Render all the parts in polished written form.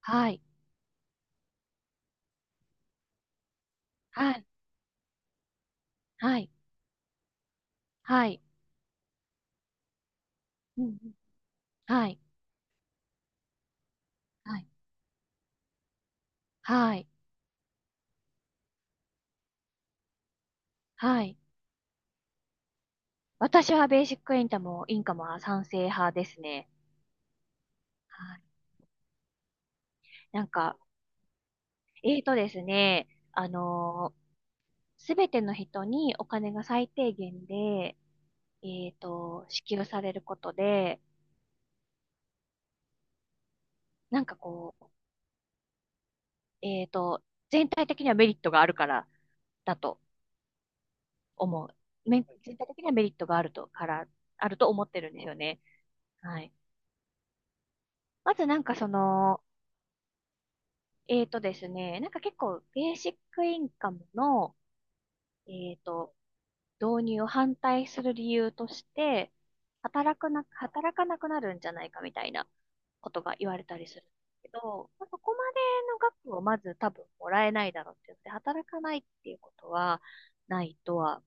はい。はい。はい。はい。うんうん。はい。はい。はい。はい。私はベーシックインカムも、インカムは賛成派ですね。はい。なんか、えーとですね、すべての人にお金が最低限で、支給されることで、なんかこう、えーと、全体的にはメリットがあるからだと思う。全体的にはメリットがあると、から、あると思ってるんですよね。はい。まずその、えーとですね、結構ベーシックインカムの、えーと、導入を反対する理由として、働かなくなるんじゃないかみたいなことが言われたりするんですけど、まあ、そこまでの額をまず多分もらえないだろうって言って、働かないっていうことはないとは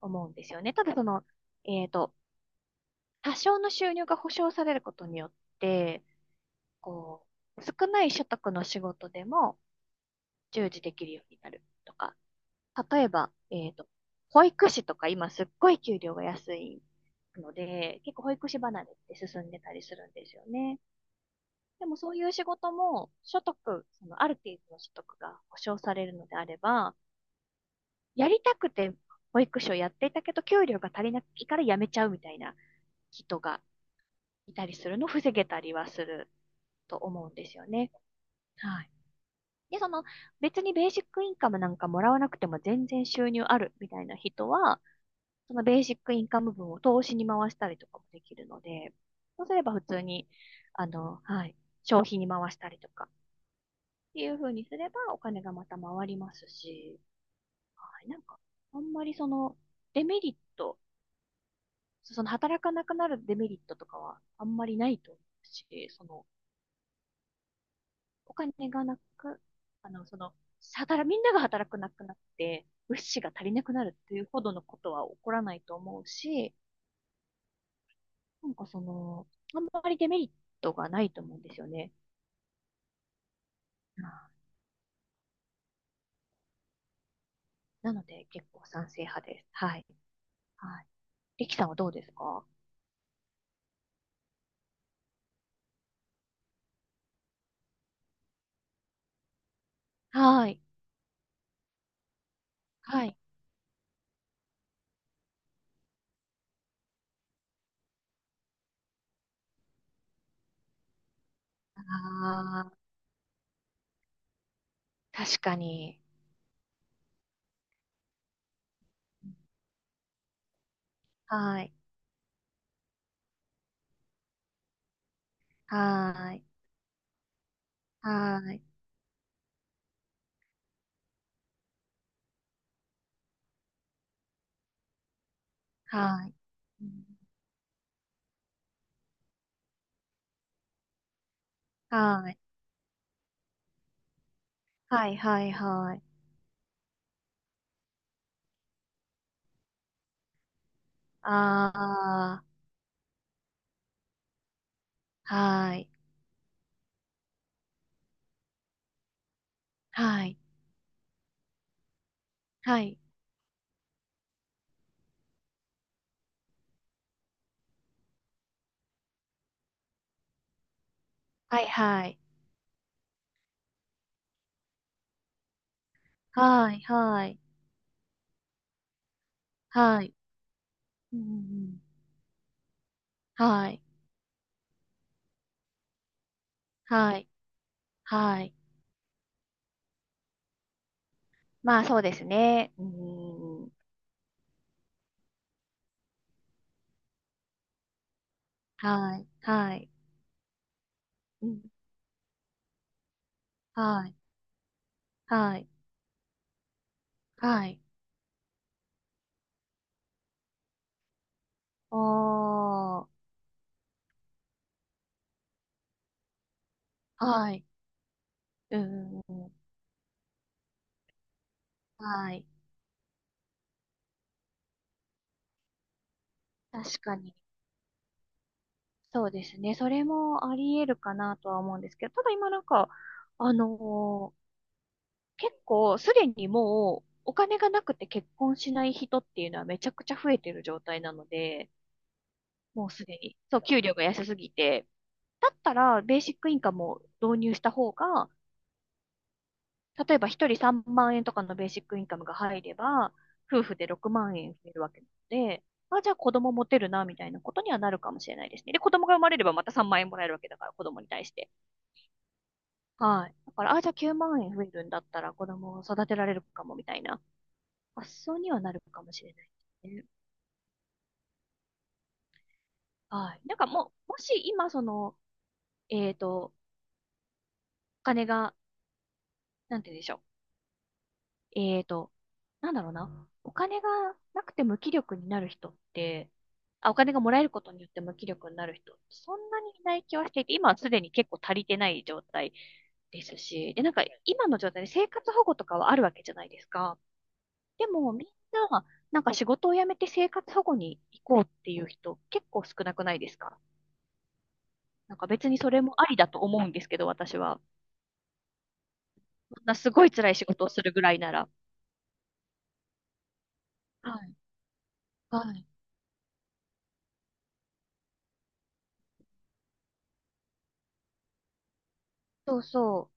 思うんですよね。ただその、えーと、多少の収入が保障されることによって、こう、少ない所得の仕事でも従事できるようになるとか、例えば、保育士とか今すっごい給料が安いので、結構保育士離れって進んでたりするんですよね。でもそういう仕事も所得、そのある程度の所得が保障されるのであれば、やりたくて保育士をやっていたけど、給料が足りないから辞めちゃうみたいな人がいたりするのを防げたりはすると思うんですよね。はい。で、その別にベーシックインカムなんかもらわなくても全然収入あるみたいな人は、そのベーシックインカム分を投資に回したりとかもできるので、そうすれば普通に、はい、消費に回したりとかっていう風にすればお金がまた回りますし、はい、あんまりそのデメリット、その働かなくなるデメリットとかはあんまりないと思うし、そのお金がなく、その、みんなが働くなくなって、物資が足りなくなるっていうほどのことは起こらないと思うし、その、あんまりデメリットがないと思うんですよね。うんなので結構賛成派です。はい。はい。リキさんはどうですか？はい。はい。ああ、確かに。はい。はい。はい。はい。うんはい。はい。はい。はい。ああ、はい。はい。はい。はい。はい。はい。はい。はい。うんうんうん。はい。はい。はい。まあそうですね。うん。はい。はい。うん。はい。はい。はい。おー。はい。うん。はい。確かに。そうですね。それもあり得るかなとは思うんですけど、ただ今あのー結構すでにもうお金がなくて結婚しない人っていうのはめちゃくちゃ増えてる状態なので、もうすでに。そう、給料が安すぎて。だったら、ベーシックインカムを導入した方が、例えば一人3万円とかのベーシックインカムが入れば、夫婦で6万円増えるわけなので、あ、じゃあ子供持てるな、みたいなことにはなるかもしれないですね。で、子供が生まれればまた3万円もらえるわけだから、子供に対して。はい。だから、あ、じゃあ9万円増えるんだったら子供を育てられるかも、みたいな発想にはなるかもしれないですね。はい。もう、もし今その、えっと、お金が、なんて言うんでしょう。えーと、なんだろうな。お金がなくて無気力になる人って、あ、お金がもらえることによって無気力になる人ってそんなにいない気はしていて、今はすでに結構足りてない状態ですし、で、今の状態で生活保護とかはあるわけじゃないですか。でもみんな、仕事を辞めて生活保護に行こうっていう人結構少なくないですか？別にそれもありだと思うんですけど、私は。そんなすごい辛い仕事をするぐらいなら。はい。はい。そうそ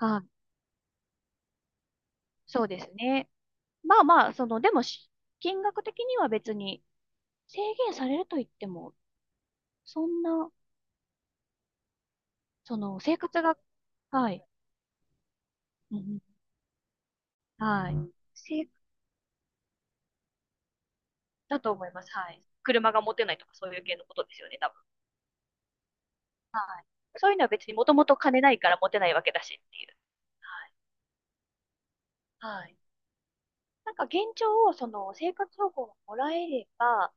う。はい。そうですね。まあまあ、その、でもし、金額的には別に制限されると言っても、そんな、その、生活が、はい。うんうんはい。せ、だと思います。はい。車が持てないとかそういう系のことですよね、多分。はい。そういうのは別にもともと金ないから持てないわけだしっていう。はい。はい。現状を、その、生活保護をもらえれば、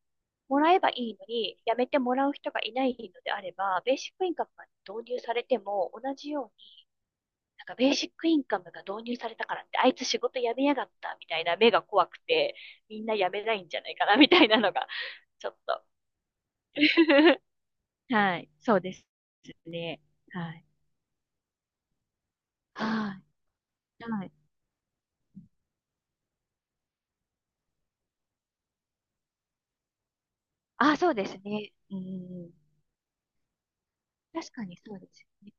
もらえばいいのに、やめてもらう人がいないのであれば、ベーシックインカムが導入されても、同じようベーシックインカムが導入されたからって、あいつ仕事辞めやがったみたいな目が怖くて、みんな辞めないんじゃないかなみたいなのが、ちょっと。はい。そうですね。はい。はい。はい。あ、そうですね。うん。確かにそうですね。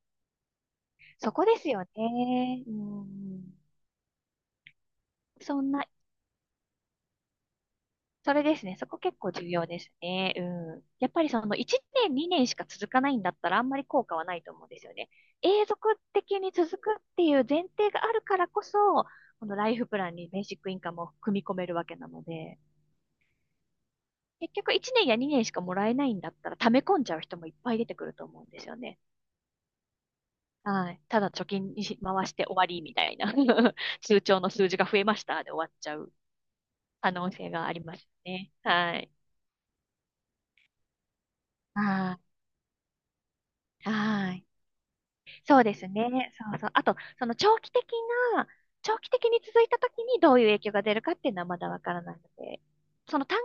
そこですよね。うん。そんなそれですね。そこ結構重要ですね。うん。やっぱりその1年、2年しか続かないんだったらあんまり効果はないと思うんですよね。永続的に続くっていう前提があるからこそ、このライフプランにベーシックインカムを組み込めるわけなので、結局1年や2年しかもらえないんだったら溜め込んじゃう人もいっぱい出てくると思うんですよね。はい。ただ貯金にし回して終わりみたいな 通帳の数字が増えましたで終わっちゃう可能性がありますね。はい。はい。はい。そうですね。そうそう。あと、そのな、長期的に続いたときにどういう影響が出るかっていうのはまだわからないので、その短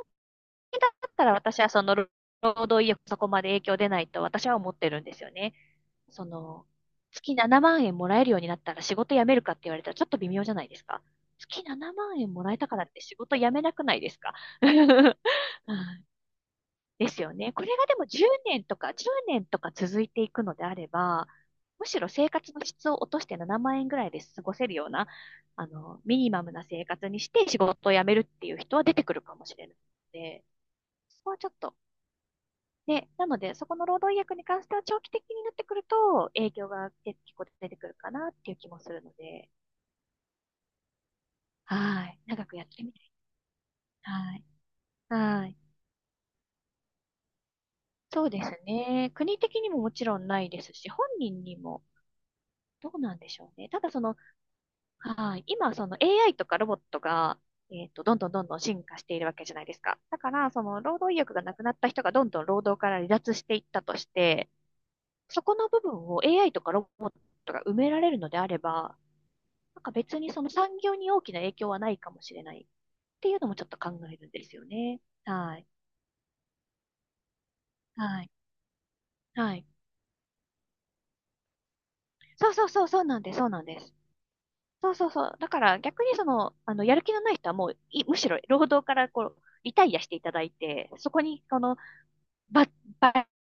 期だったら私はその労働意欲そこまで影響出ないと私は思ってるんですよね。その、月7万円もらえるようになったら仕事辞めるかって言われたらちょっと微妙じゃないですか。月7万円もらえたからって仕事辞めなくないですか？ うんですよね。これがでも10年とか、10年とか続いていくのであれば、むしろ生活の質を落として7万円ぐらいで過ごせるような、ミニマムな生活にして仕事を辞めるっていう人は出てくるかもしれないので、そこはちょっと。で、なので、そこの労働意約に関しては長期的になってくると、影響が結構出てくるかなっていう気もするので、はい。長くやってみたい。はい。はい。そうですね。国的にももちろんないですし、本人にもどうなんでしょうね。ただその、はい。今、その AI とかロボットが、どんどんどんどん進化しているわけじゃないですか。だから、その労働意欲がなくなった人がどんどん労働から離脱していったとして、そこの部分を AI とかロボットが埋められるのであれば、別にその産業に大きな影響はないかもしれないっていうのもちょっと考えるんですよね。はい。はい。はい。そうそうそう、そうなんです、そうなんです。そうそうそう。だから逆にその、やる気のない人はもうい、むしろ労働からこう、リタイアしていただいて、そこに、このバ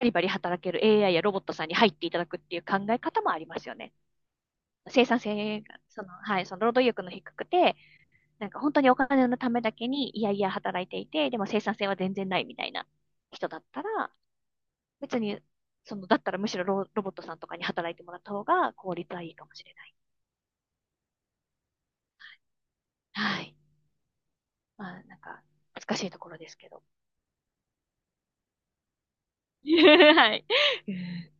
リバリ働ける AI やロボットさんに入っていただくっていう考え方もありますよね。生産性が、その、はい、その労働意欲の低くて、本当にお金のためだけにいやいや働いていて、でも生産性は全然ないみたいな人だったら、別に、その、だったらむしろロボットさんとかに働いてもらった方が効率はいいかもしれない。はい。まあ、難しいところですけど。はい。